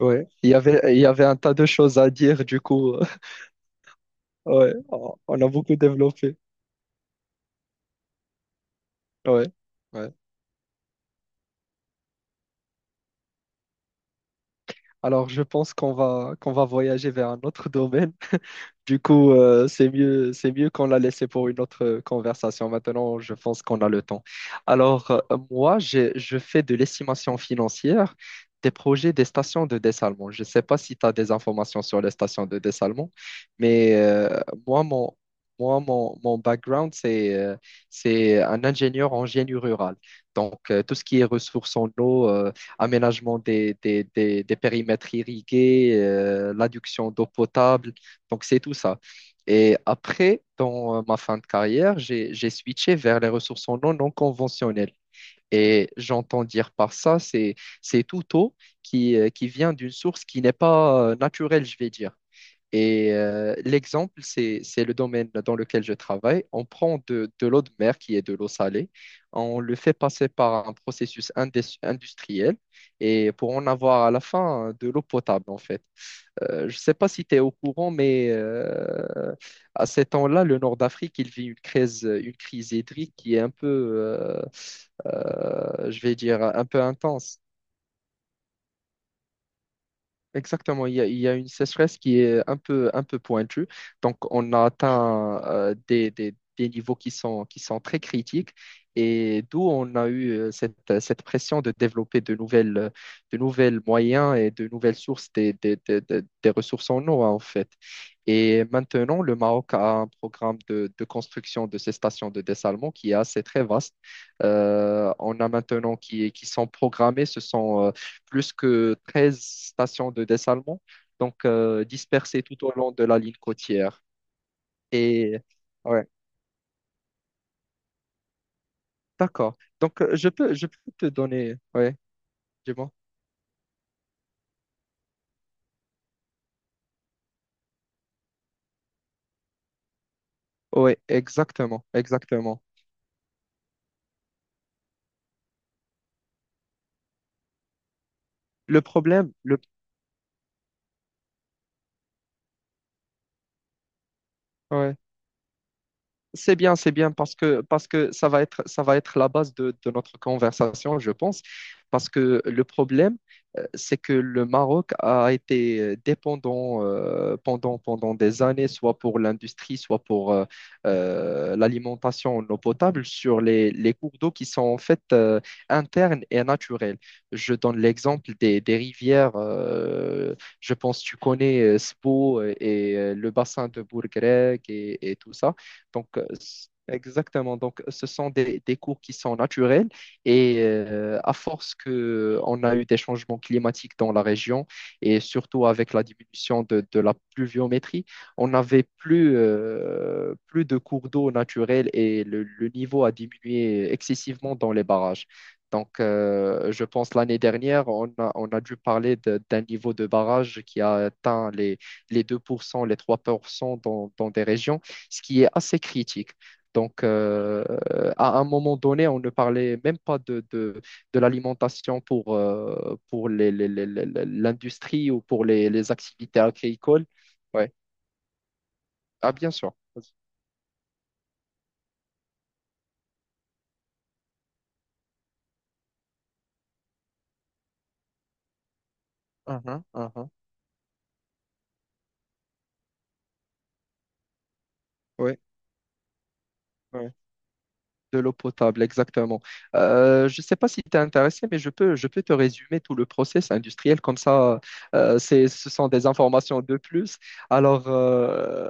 Ouais, il y avait un tas de choses à dire, du coup, ouais, on a beaucoup développé. Ouais, ouais. Alors, je pense qu'on va voyager vers un autre domaine. Du coup, c'est mieux qu'on l'a laissé pour une autre conversation. Maintenant, je pense qu'on a le temps. Alors, moi, je fais de l'estimation financière des projets des stations de dessalement. Je ne sais pas si tu as des informations sur les stations de dessalement, mais moi, mon, moi, mon background, c'est un ingénieur en génie rural. Donc, tout ce qui est ressources en eau, aménagement des périmètres irrigués, l'adduction d'eau potable donc, c'est tout ça. Et après, dans ma fin de carrière, j'ai switché vers les ressources en eau non conventionnelles. Et j'entends dire par ça, c'est tout eau qui vient d'une source qui n'est pas naturelle, je vais dire. Et l'exemple, c'est le domaine dans lequel je travaille. On prend de l'eau de mer, qui est de l'eau salée, on le fait passer par un processus industriel et pour en avoir à la fin de l'eau potable, en fait. Je ne sais pas si tu es au courant, mais à ces temps-là, le Nord d'Afrique, il vit une crise hydrique qui est un peu, je vais dire, un peu intense. Exactement, il y a une sécheresse qui est un peu pointue. Donc, on a atteint des niveaux qui sont très critiques et d'où on a eu cette pression de développer de nouvelles moyens et de nouvelles sources des ressources en eau, hein, en fait. Et maintenant, le Maroc a un programme de construction de ces stations de dessalement qui est assez très vaste. On a maintenant qui sont programmées, plus que 13 stations de dessalement, donc dispersées tout au long de la ligne côtière. Et ouais, d'accord. Donc je peux te donner, ouais, dis-moi. Ouais, exactement, exactement. Le problème, ouais. C'est bien parce que ça va être la base de notre conversation, je pense. Parce que le problème, c'est que le Maroc a été dépendant pendant des années, soit pour l'industrie, soit pour l'alimentation en eau potable, sur les cours d'eau qui sont en fait internes et naturels. Je donne l'exemple des rivières. Je pense que tu connais Spo et le bassin de Bourgrec et tout ça. Donc, exactement. Donc, ce sont des cours qui sont naturels et à force que on a eu des changements climatiques dans la région et surtout avec la diminution de la pluviométrie, on n'avait plus de cours d'eau naturels et le niveau a diminué excessivement dans les barrages. Donc, je pense l'année dernière, on a dû parler d'un niveau de barrage qui a atteint les 2%, les 3% dans des régions ce qui est assez critique. Donc, à un moment donné, on ne parlait même pas de l'alimentation pour l'industrie ou pour les activités agricoles. Ouais. Ah, bien sûr. Vas-y. Mhm, mhm. Ouais, ouais. De l'eau potable, exactement. Je ne sais pas si tu es intéressé, mais je peux te résumer tout le process industriel. Comme ça, ce sont des informations de plus. Alors,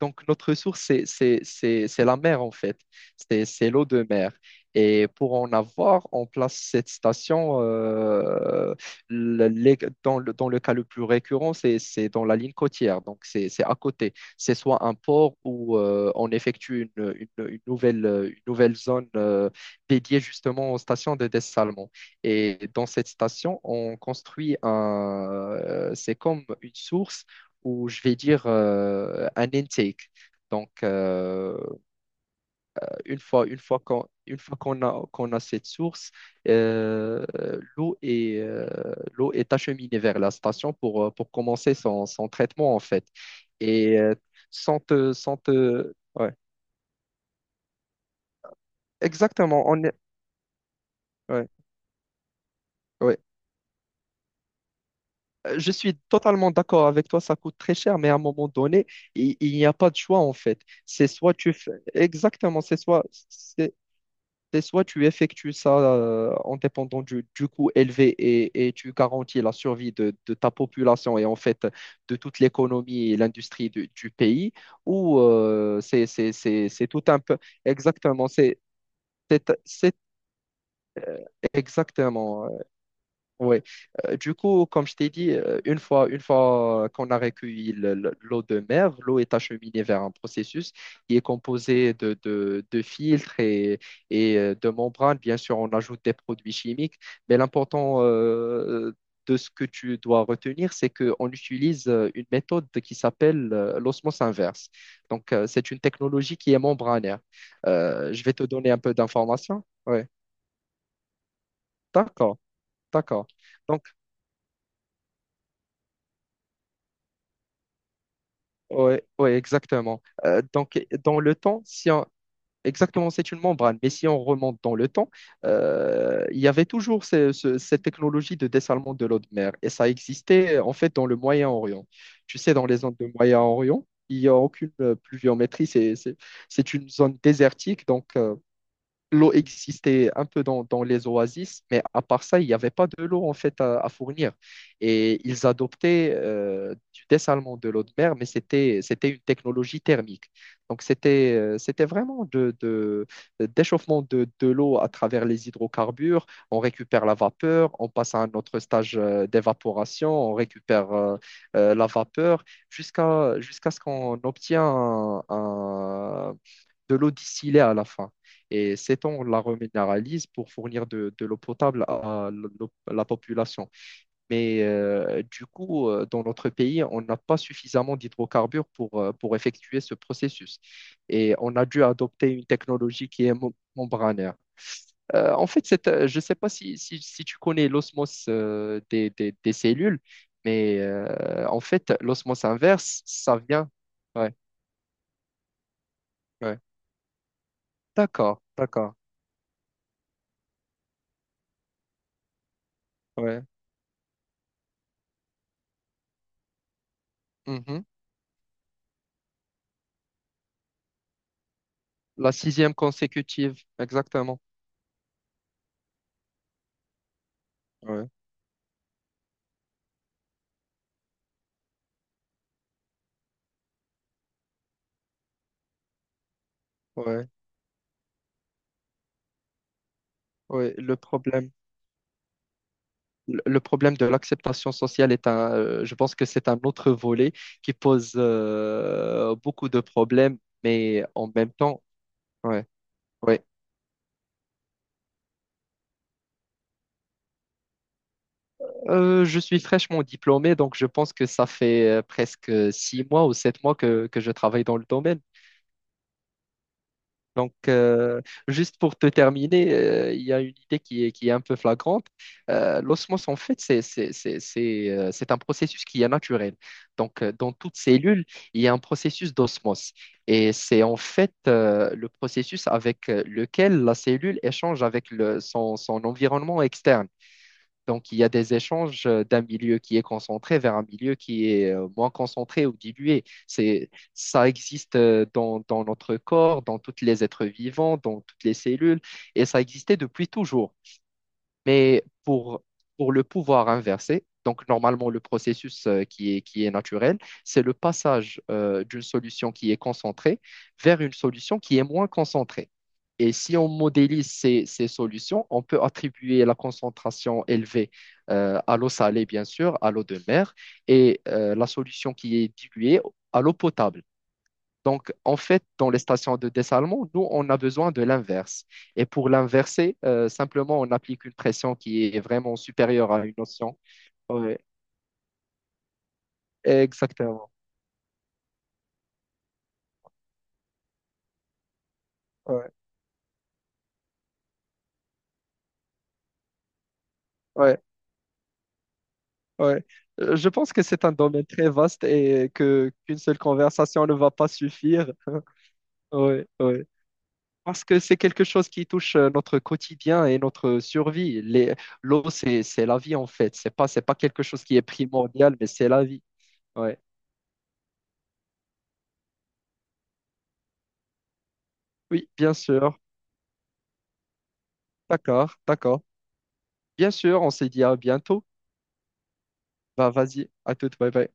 donc notre ressource, c'est la mer, en fait. C'est l'eau de mer. Et pour en avoir, on place cette station le- les- dans le cas le plus récurrent, c'est dans la ligne côtière. Donc, c'est à côté c'est soit un port où on effectue une nouvelle zone dédiée justement aux stations de dessalement. Et dans cette station, on construit c'est comme une source ou je vais dire un intake. Donc, une fois qu'on a cette source, euh, l'eau est, l'eau est acheminée vers la station pour commencer son traitement, en fait. Et sans te, sans te... Ouais. Exactement, ouais, ouais. Je suis totalement d'accord avec toi, ça coûte très cher, mais à un moment donné, il n'y a pas de choix, en fait. C'est soit tu fais... Exactement, c'est- c'est soit tu effectues ça en dépendant du coût élevé et tu garantis la survie de ta population et en fait de toute l'économie et l'industrie du pays, ou c'est tout un peu. Exactement, c'est exactement oui. Du coup, comme je t'ai dit, une fois qu'on a recueilli l'eau de mer, l'eau est acheminée vers un processus qui est composé de filtres et de membranes. Bien sûr, on ajoute des produits chimiques, mais l'important de ce que tu dois retenir, c'est qu'on utilise une méthode qui s'appelle l'osmose inverse. Donc, c'est une technologie qui est membranaire. Je vais te donner un peu d'informations. Oui, d'accord, d'accord. Ouais, ouais, exactement. Donc, dans le temps, si on- exactement, c'est une membrane, mais si on remonte dans le temps, il y avait toujours cette technologie de dessalement de l'eau de mer, et ça existait en fait dans le Moyen-Orient. Tu sais, dans les zones de Moyen-Orient, il n'y a aucune pluviométrie, c'est une zone désertique, donc. L'eau existait un peu dans les oasis, mais à part ça, il n'y avait pas de l'eau en fait à fournir. Et ils adoptaient du dessalement de l'eau de mer, mais c'était une technologie thermique. Donc c'était vraiment d'échauffement de l'eau à travers les hydrocarbures. On récupère la vapeur, on passe à un autre stage d'évaporation, on récupère la vapeur jusqu'à ce qu'on obtient de l'eau distillée à la fin. Et cette eau, on la reminéralise pour fournir de l'eau potable à la population. Mais du coup, dans notre pays, on n'a pas suffisamment d'hydrocarbures pour effectuer ce processus. Et on a dû adopter une technologie qui est membranaire. En fait, je ne sais pas si tu connais l'osmose des cellules, mais en fait, l'osmose inverse, ça vient. Ouais, ouais. D'accord, d'accord. Ouais. Mhm. La sixième consécutive, exactement. Ouais, ouais, ouais. Le problème, le problème de l'acceptation sociale est un, je pense que c'est un autre volet qui pose beaucoup de problèmes, mais en même temps, ouais, ouais. Je suis fraîchement diplômé, donc je pense que ça fait presque 6 mois ou 7 mois que je travaille dans le domaine. Donc, juste pour te terminer, il y a une idée qui est un peu flagrante. L'osmose, en fait, c'est un processus qui est naturel. Donc, dans toute cellule, il y a un processus d'osmose. Et c'est en fait le processus avec lequel la cellule échange avec son environnement externe. Donc, il y a des échanges d'un milieu qui est concentré vers un milieu qui est moins concentré ou dilué. Ça existe dans notre corps, dans tous les êtres vivants, dans toutes les cellules, et ça existait depuis toujours. Mais pour le pouvoir inversé, donc normalement le processus qui est naturel, c'est le passage d'une solution qui est concentrée vers une solution qui est moins concentrée. Et si on modélise ces solutions, on peut attribuer la concentration élevée à l'eau salée, bien sûr, à l'eau de mer, et la solution qui est diluée à l'eau potable. Donc, en fait, dans les stations de dessalement, nous, on a besoin de l'inverse. Et pour l'inverser, simplement, on applique une pression qui est vraiment supérieure à une notion. Ouais, exactement. Ouais, ouais, ouais. Je pense que c'est un domaine très vaste et que qu'une seule conversation ne va pas suffire. Ouais, ouais. Parce que c'est quelque chose qui touche notre quotidien et notre survie. L'eau, c'est la vie, en fait. C'est pas quelque chose qui est primordial, mais c'est la vie. Ouais. Oui, bien sûr. D'accord, d'accord. Bien sûr, on se dit à bientôt. Bah, vas-y, à toute, bye bye.